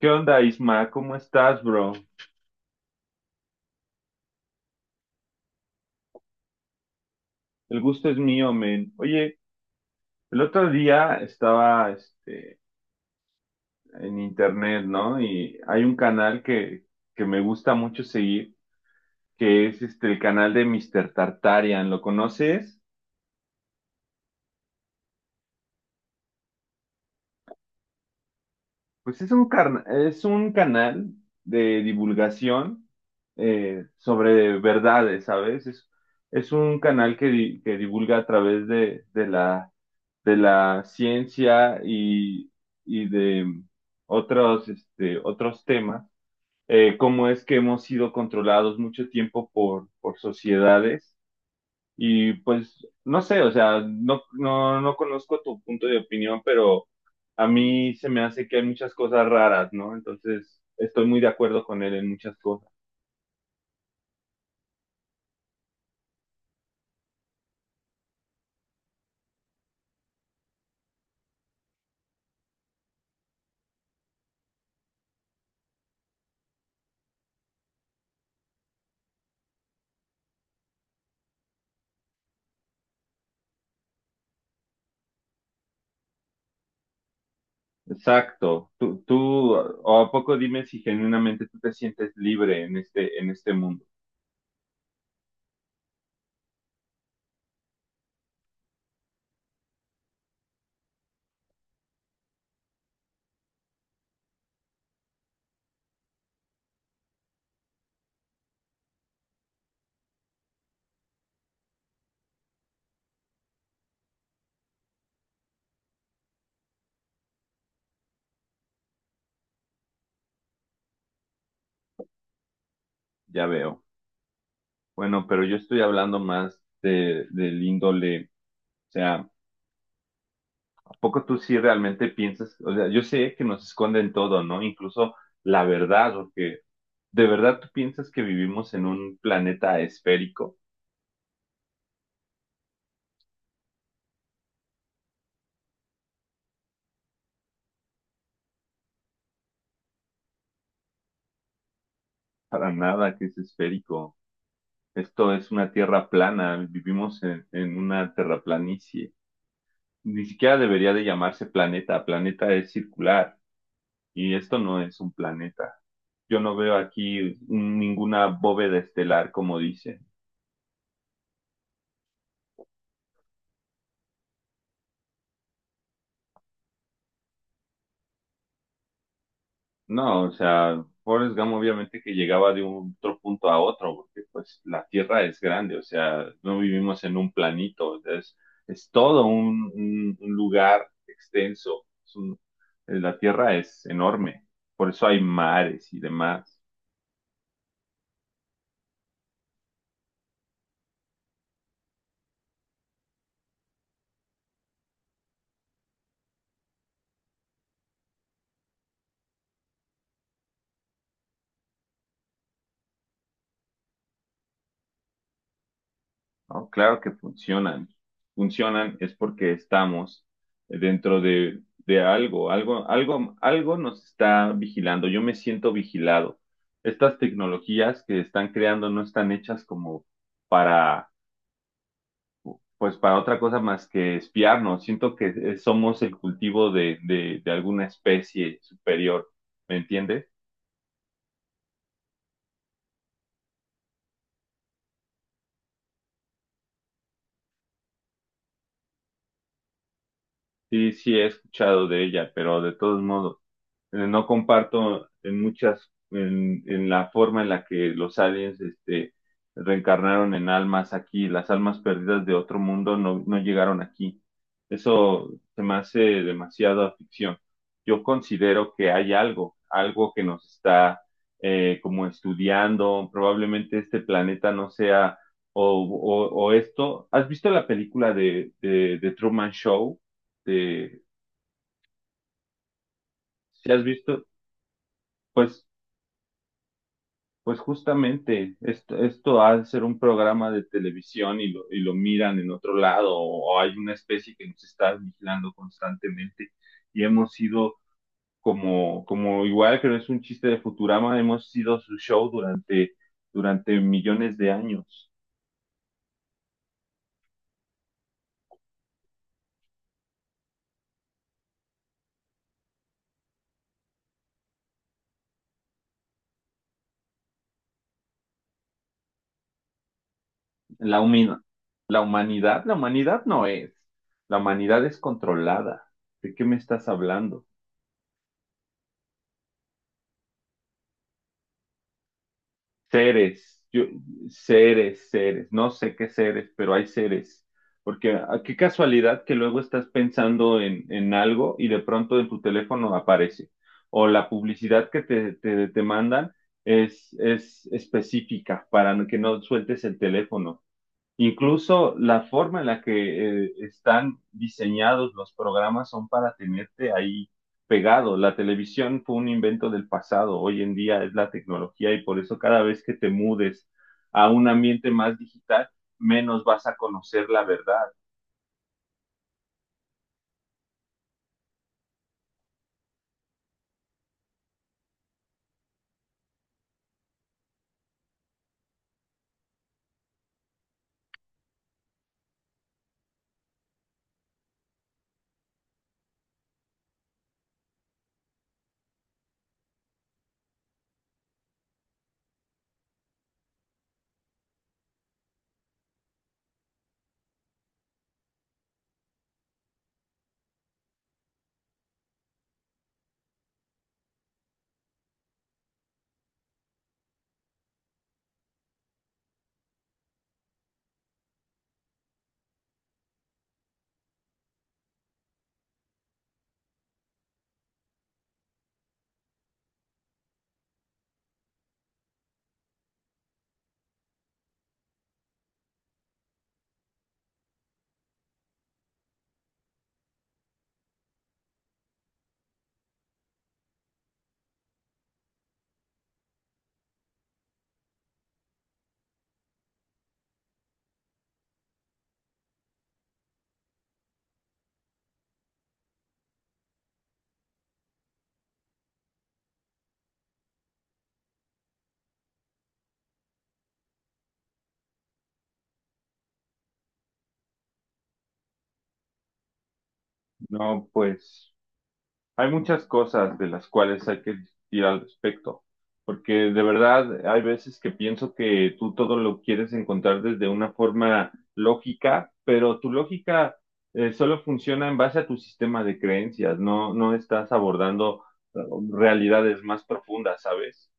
¿Qué onda, Isma? ¿Cómo estás, bro? El gusto es mío, men. Oye, el otro día estaba en internet, ¿no? Y hay un canal que me gusta mucho seguir, que es el canal de Mister Tartarian. ¿Lo conoces? Pues es es un canal de divulgación, sobre verdades, ¿sabes? Es un canal que divulga a través de la ciencia y de otros, otros temas, cómo es que hemos sido controlados mucho tiempo por sociedades. Y pues no sé, o sea, no conozco tu punto de opinión, pero a mí se me hace que hay muchas cosas raras, ¿no? Entonces, estoy muy de acuerdo con él en muchas cosas. Exacto. O a poco dime si genuinamente tú te sientes libre en en este mundo. Ya veo. Bueno, pero yo estoy hablando más del índole, o sea, ¿a poco tú sí realmente piensas? O sea, yo sé que nos esconden todo, ¿no? Incluso la verdad, o que ¿de verdad tú piensas que vivimos en un planeta esférico? Para nada que es esférico. Esto es una tierra plana, vivimos en una terraplanicie. Ni siquiera debería de llamarse planeta, planeta es circular y esto no es un planeta. Yo no veo aquí ninguna bóveda estelar como dicen. No, o sea, Forrest Gump obviamente que llegaba de un otro punto a otro, porque pues la Tierra es grande, o sea, no vivimos en un planito, o sea, es todo un lugar extenso, la Tierra es enorme, por eso hay mares y demás. No, claro que funcionan. Funcionan es porque estamos dentro de algo, algo nos está vigilando. Yo me siento vigilado. Estas tecnologías que están creando no están hechas como para, pues, para otra cosa más que espiarnos. Siento que somos el cultivo de alguna especie superior. ¿Me entiendes? Sí, sí, he escuchado de ella, pero de todos modos. Eh, no comparto en en la forma en la que los aliens, reencarnaron en almas aquí, las almas perdidas de otro mundo no, no llegaron aquí. Eso se me hace demasiada ficción. Yo considero que hay algo, algo que nos está como estudiando, probablemente este planeta no sea o esto. ¿Has visto la película de Truman Show? De, ¿Sí has visto? Pues Pues justamente, esto ha de ser un programa de televisión y lo miran en otro lado, o hay una especie que nos está vigilando constantemente y hemos sido como igual creo que no es un chiste de Futurama, hemos sido su show durante millones de años. La humina- la humanidad no es. La humanidad es controlada. ¿De qué me estás hablando? Seres, yo, seres, no sé qué seres, pero hay seres. Porque ah, qué casualidad que luego estás pensando en algo y de pronto en tu teléfono aparece. O la publicidad que te mandan es específica para que no sueltes el teléfono. Incluso la forma en la que están diseñados los programas son para tenerte ahí pegado. La televisión fue un invento del pasado, hoy en día es la tecnología y por eso cada vez que te mudes a un ambiente más digital, menos vas a conocer la verdad. No, pues Hay muchas cosas de las cuales hay que discutir al respecto, porque de verdad hay veces que pienso que tú todo lo quieres encontrar desde una forma lógica, pero tu lógica solo funciona en base a tu sistema de creencias, no estás abordando eh, realidades más profundas, ¿sabes?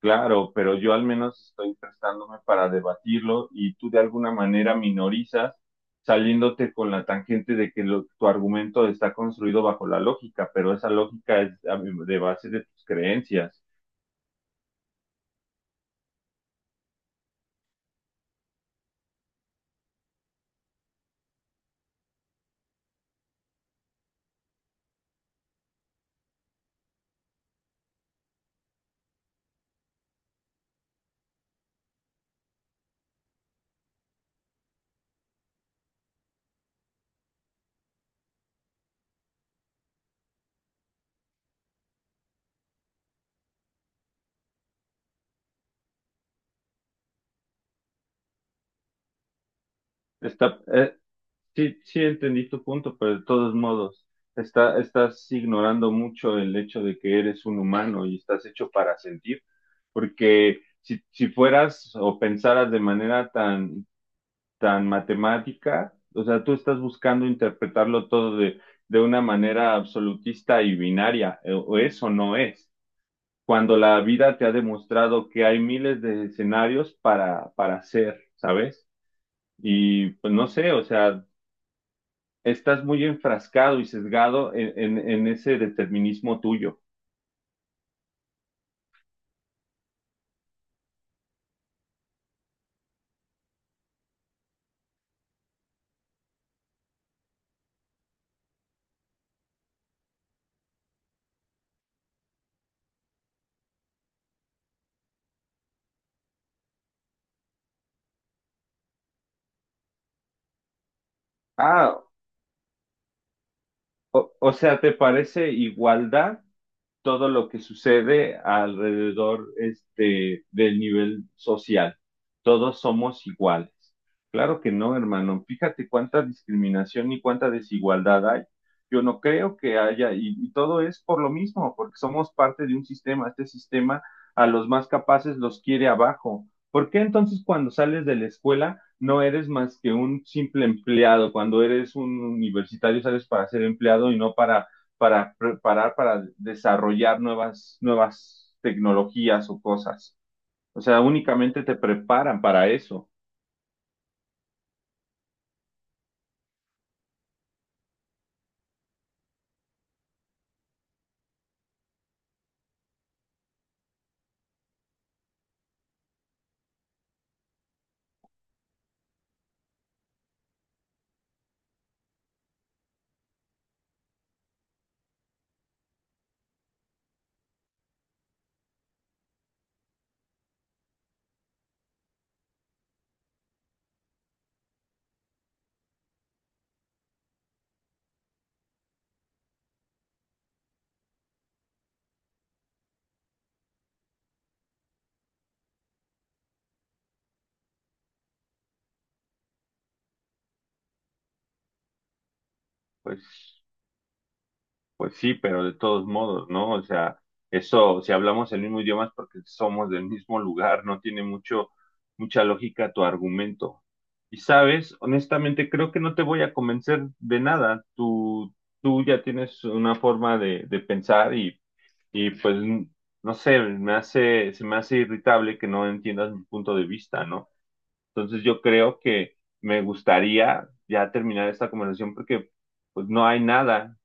Claro, pero yo al menos estoy prestándome para debatirlo y tú de alguna manera minorizas saliéndote con la tangente de que tu argumento está construido bajo la lógica, pero esa lógica es de base de tus creencias. Está, eh, sí, sí entendí tu punto, pero de todos modos, estás ignorando mucho el hecho de que eres un humano y estás hecho para sentir, porque si fueras o pensaras de manera tan tan matemática, o sea, tú estás buscando interpretarlo todo de una manera absolutista y binaria, o es o no es, cuando la vida te ha demostrado que hay miles de escenarios para hacer, ¿sabes? Y pues no sé, o sea, estás muy enfrascado y sesgado en ese determinismo tuyo. Ah, o sea, ¿te parece igualdad todo lo que sucede alrededor del nivel social. Todos somos iguales. Claro que no, hermano. Fíjate cuánta discriminación y cuánta desigualdad hay. Yo no creo que haya, y todo es por lo mismo, porque somos parte de un sistema. Este sistema a los más capaces los quiere abajo. ¿Por qué entonces cuando sales de la escuela no eres más que un simple empleado? Cuando eres un universitario sales para ser empleado y no para para preparar, para desarrollar nuevas tecnologías o cosas. O sea, únicamente te preparan para eso. Pues, pues sí, pero de todos modos, ¿no? O sea, eso, si hablamos el mismo idioma es porque somos del mismo lugar, no tiene mucha lógica tu argumento. Y sabes, honestamente, creo que no te voy a convencer de nada. Tú ya tienes una forma de pensar y Y pues, no sé, me hace, se me hace irritable que no entiendas mi punto de vista, ¿no? Entonces yo creo que me gustaría ya terminar esta conversación porque pues no hay nada.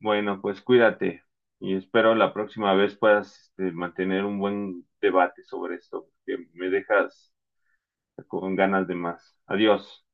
Bueno, pues cuídate y espero la próxima vez puedas este, mantener un buen debate sobre esto, porque me dejas con ganas de más. Adiós.